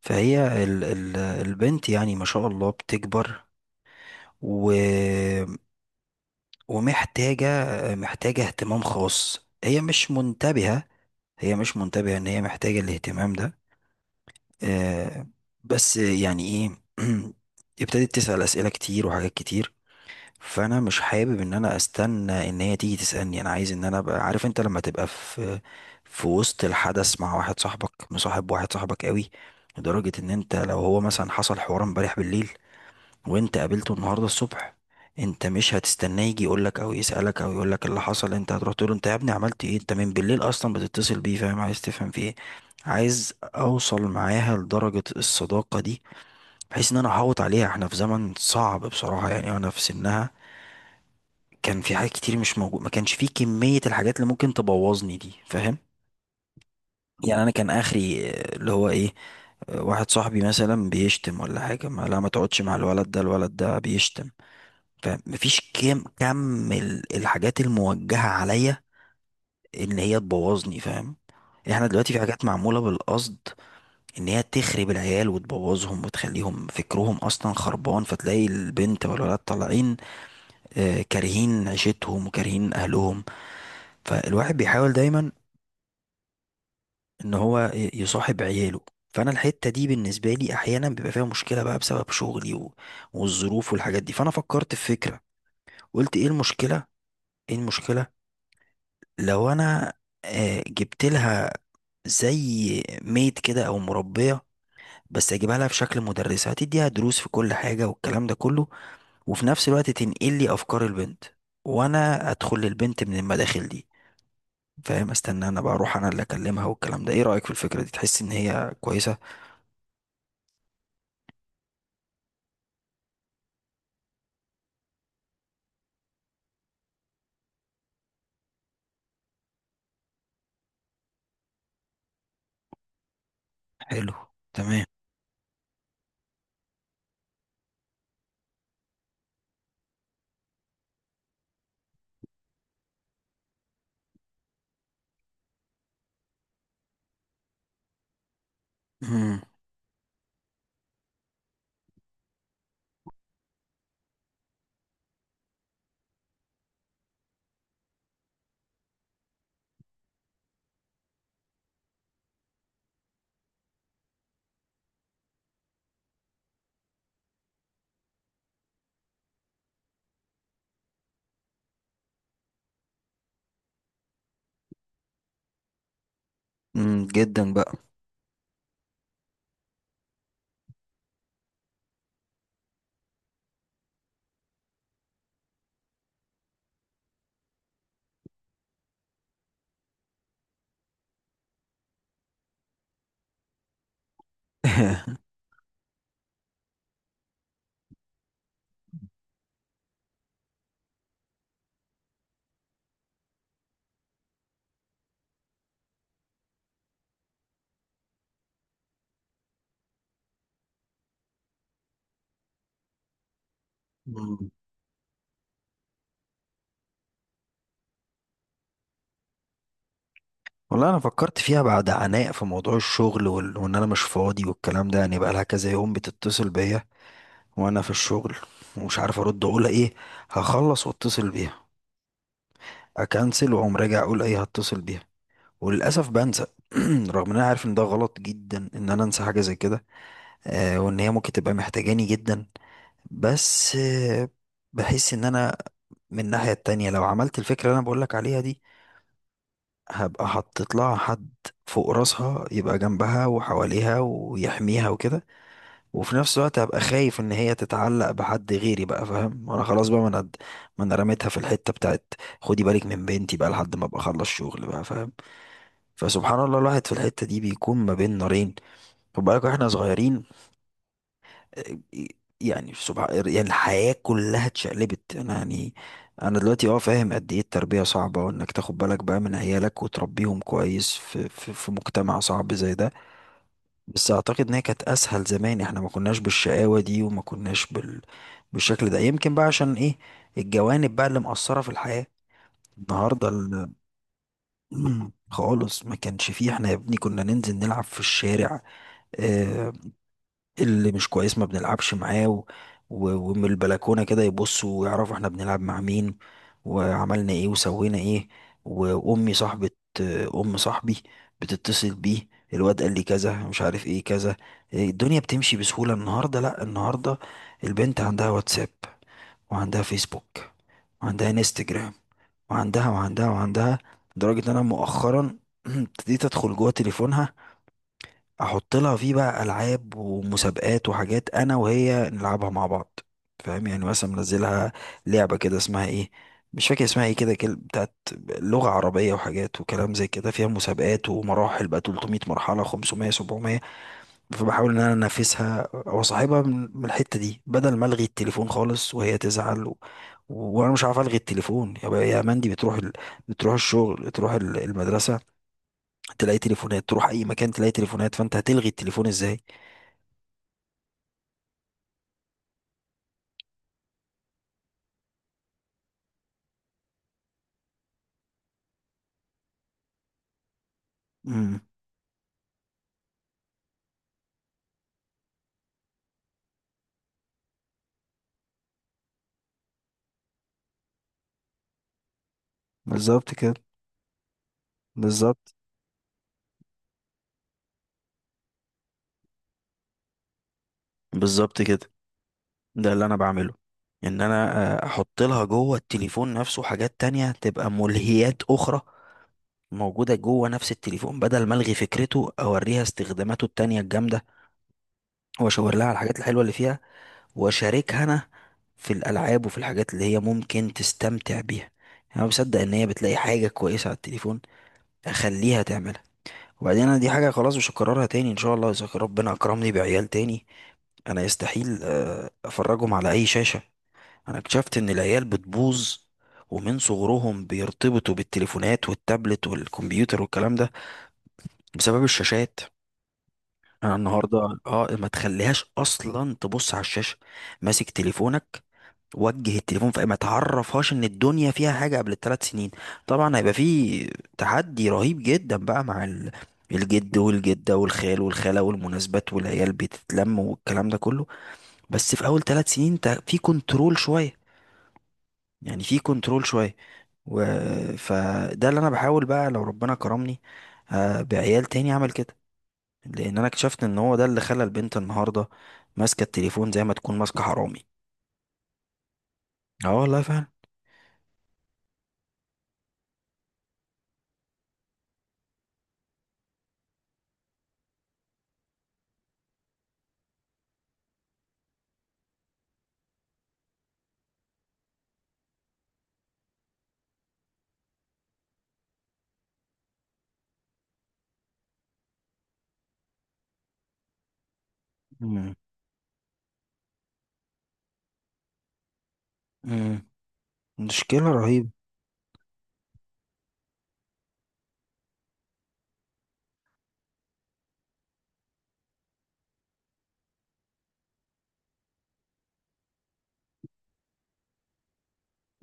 فهي ال البنت يعني ما شاء الله بتكبر و ومحتاجة. محتاجة اهتمام خاص. هي مش منتبهة. هي مش منتبهة ان هي محتاجة الاهتمام ده. آه، بس يعني ايه ابتدت تسأل أسئلة كتير وحاجات كتير. فانا مش حابب ان انا استنى ان هي تيجي تسألني. انا عايز ان انا ابقى عارف. انت لما تبقى في وسط الحدث مع واحد صاحبك، مصاحب واحد صاحبك قوي لدرجة ان انت لو هو مثلا حصل حوار امبارح بالليل وانت قابلته النهارده الصبح، انت مش هتستناه يجي يقولك او يسألك او يقولك إيه اللي حصل. انت هتروح تقول له انت يا ابني عملت ايه، انت من بالليل اصلا بتتصل بيه، فاهم؟ عايز تفهم في ايه. عايز اوصل معاها لدرجة الصداقة دي بحيث ان انا احوط عليها. احنا في زمن صعب بصراحة. يعني انا في سنها كان في حاجات كتير مش موجود، ما كانش فيه كمية الحاجات اللي ممكن تبوظني دي، فاهم؟ يعني انا كان اخري آه، اللي هو ايه، آه، واحد صاحبي مثلا بيشتم ولا حاجة، ما لا ما تقعدش مع الولد ده، الولد ده بيشتم. فمفيش الحاجات الموجهة عليا ان هي تبوظني، فاهم؟ احنا دلوقتي في حاجات معمولة بالقصد ان هي تخرب العيال وتبوظهم وتخليهم فكرهم اصلا خربان. فتلاقي البنت والولد طالعين آه، كارهين عيشتهم وكارهين اهلهم. فالواحد بيحاول دايما ان هو يصاحب عياله. فانا الحتة دي بالنسبة لي احيانا بيبقى فيها مشكلة بقى بسبب شغلي والظروف والحاجات دي. فانا فكرت في فكرة. قلت ايه المشكلة، ايه المشكلة لو انا آه، جبت لها زي ميت كده او مربيه، بس اجيبها لها في شكل مدرسه هتديها دروس في كل حاجه والكلام ده كله، وفي نفس الوقت تنقل لي افكار البنت وانا ادخل للبنت من المداخل دي، فاهم؟ استنى انا بقى اروح انا اللي اكلمها والكلام ده. ايه رايك في الفكره دي؟ تحس ان هي كويسه؟ حلو. تمام. امم. أمم، جدا بقى. مم. والله انا فكرت فيها بعد عناء في موضوع الشغل وان انا مش فاضي والكلام ده. يعني بقى لها كذا يوم بتتصل بيا وانا في الشغل ومش عارف ارد اقول ايه. هخلص واتصل بيها، اكنسل واقوم راجع اقول ايه هتصل بيها، وللاسف بنسى. رغم ان انا عارف ان ده غلط جدا ان انا انسى حاجه زي كده آه، وان هي ممكن تبقى محتاجاني جدا. بس آه بحس ان انا من الناحيه التانية لو عملت الفكره اللي انا بقولك عليها دي، هبقى حطيت لها حد فوق راسها يبقى جنبها وحواليها ويحميها وكده. وفي نفس الوقت هبقى خايف ان هي تتعلق بحد غيري بقى، فاهم؟ انا خلاص بقى، ما انا رميتها في الحته بتاعت خدي بالك من بنتي بقى لحد ما ابقى اخلص شغل بقى، فاهم؟ فسبحان الله الواحد في الحته دي بيكون ما بين نارين. خد بالك، واحنا صغيرين آه، يعني سبحان، يعني الحياه كلها اتشقلبت. انا يعني انا دلوقتي اه فاهم قد ايه التربيه صعبه، وانك تاخد بالك بقى من عيالك وتربيهم كويس في في مجتمع صعب زي ده. بس اعتقد ان هي كانت اسهل زمان. احنا ما كناش بالشقاوة دي، وما كناش بالشكل ده. يمكن بقى عشان ايه؟ الجوانب بقى اللي مأثرة في الحياة النهاردة خالص ما كانش فيه. احنا يا ابني كنا ننزل نلعب في الشارع آه، اللي مش كويس ما بنلعبش معاه، ومن البلكونة كده يبصوا ويعرفوا احنا بنلعب مع مين وعملنا ايه وسوينا ايه. وأمي صاحبة أم صاحبي بتتصل بيه، الواد قال لي كذا مش عارف ايه كذا. إيه، الدنيا بتمشي بسهولة. النهاردة لأ، النهاردة البنت عندها واتساب وعندها فيسبوك وعندها انستجرام، وعندها وعندها وعندها، لدرجة ان انا مؤخرا ابتديت ادخل جوه تليفونها، احط لها فيه بقى العاب ومسابقات وحاجات انا وهي نلعبها مع بعض، فاهم؟ يعني مثلا منزلها لعبه كده اسمها ايه، مش فاكر اسمها ايه كده، بتاعت لغه عربيه وحاجات وكلام زي كده، فيها مسابقات ومراحل بقى 300 مرحله، 500، 700. فبحاول ان انا انافسها واصاحبها من الحته دي بدل ما الغي التليفون خالص وهي تزعل وانا مش عارف الغي التليفون. يا مندي، بتروح بتروح الشغل، تروح المدرسه، تلاقي تليفونات، تروح اي مكان تلاقي تليفونات، فانت هتلغي التليفون ازاي؟ امم. بالظبط كده. بالظبط. بالظبط كده. ده اللي انا بعمله، ان انا آه، احط لها جوه التليفون نفسه حاجات تانية تبقى ملهيات اخرى موجودة جوه نفس التليفون، بدل ما الغي فكرته اوريها استخداماته التانية الجامدة، واشاور لها على الحاجات الحلوة اللي فيها، واشاركها انا في الالعاب وفي الحاجات اللي هي ممكن تستمتع بيها. يعني انا بصدق ان هي بتلاقي حاجة كويسة على التليفون اخليها تعملها. وبعدين انا دي حاجة خلاص مش هكررها تاني ان شاء الله. اذا ربنا اكرمني بعيال تاني، انا يستحيل آه، افرجهم على اي شاشة. انا اكتشفت ان العيال بتبوظ ومن صغرهم بيرتبطوا بالتليفونات والتابلت والكمبيوتر والكلام ده بسبب الشاشات. انا النهارده اه ما تخليهاش اصلا تبص على الشاشة. ماسك تليفونك، وجه التليفون في، ما تعرفهاش ان الدنيا فيها حاجة قبل الثلاث سنين. طبعا هيبقى فيه تحدي رهيب جدا بقى مع الجد والجدة والخال والخالة والمناسبات والعيال بتتلم والكلام ده كله. بس في اول ثلاث سنين انت في كنترول شويه، يعني في كنترول شويه. و... فده اللي انا بحاول بقى لو ربنا كرمني آه، بعيال تاني اعمل كده. لان انا اكتشفت ان هو ده اللي خلى البنت النهارده ماسكه التليفون زي ما تكون ماسكه حرامي. اه والله فعلا. مم. مم. مشكله رهيبه.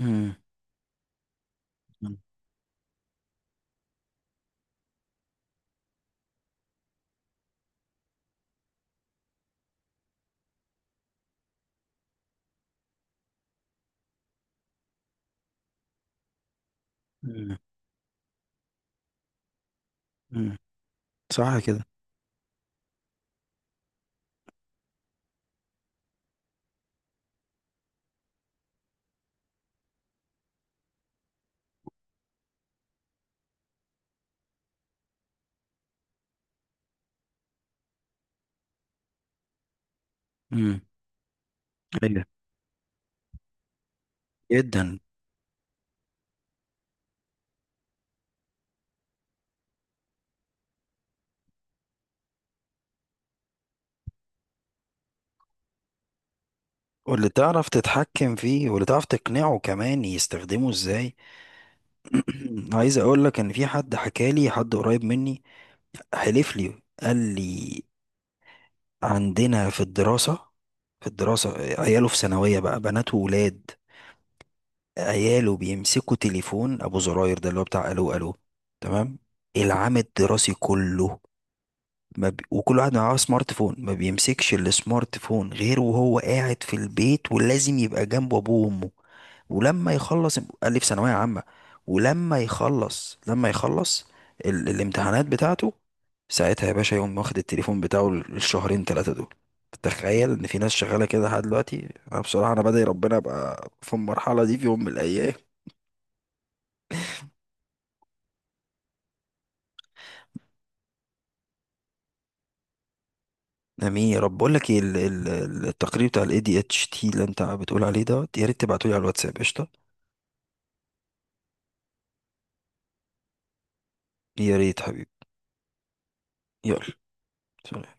مم. مم. مم. مم. صح كده. مم. ايوه. جدا. واللي تعرف تتحكم فيه، واللي تعرف تقنعه كمان يستخدمه ازاي. عايز اقول لك ان في حد حكى لي، حد قريب مني، حلف لي قال لي: عندنا في الدراسة، في الدراسة عياله في ثانوية بقى، بنات وولاد، عياله بيمسكوا تليفون ابو زراير ده اللي هو بتاع الو الو. تمام. العام الدراسي كله ما بي... وكل واحد معاه سمارت فون ما بيمسكش السمارت فون غير وهو قاعد في البيت، ولازم يبقى جنبه ابوه وامه. ولما يخلص، قال لي في ثانوية عامة. ولما يخلص لما يخلص الامتحانات بتاعته، ساعتها يا باشا يقوم واخد التليفون بتاعه الشهرين ثلاثة دول. تخيل ان في ناس شغالة كده لحد دلوقتي. انا بصراحة انا بدعي ربنا ابقى في المرحلة دي في يوم من الايام. امين يا رب. بقول لك ايه التقرير بتاع الاي دي اتش تي اللي انت بتقول عليه ده، يا ريت تبعته لي على الواتساب. قشطة. يا ريت حبيبي. يلا سلام.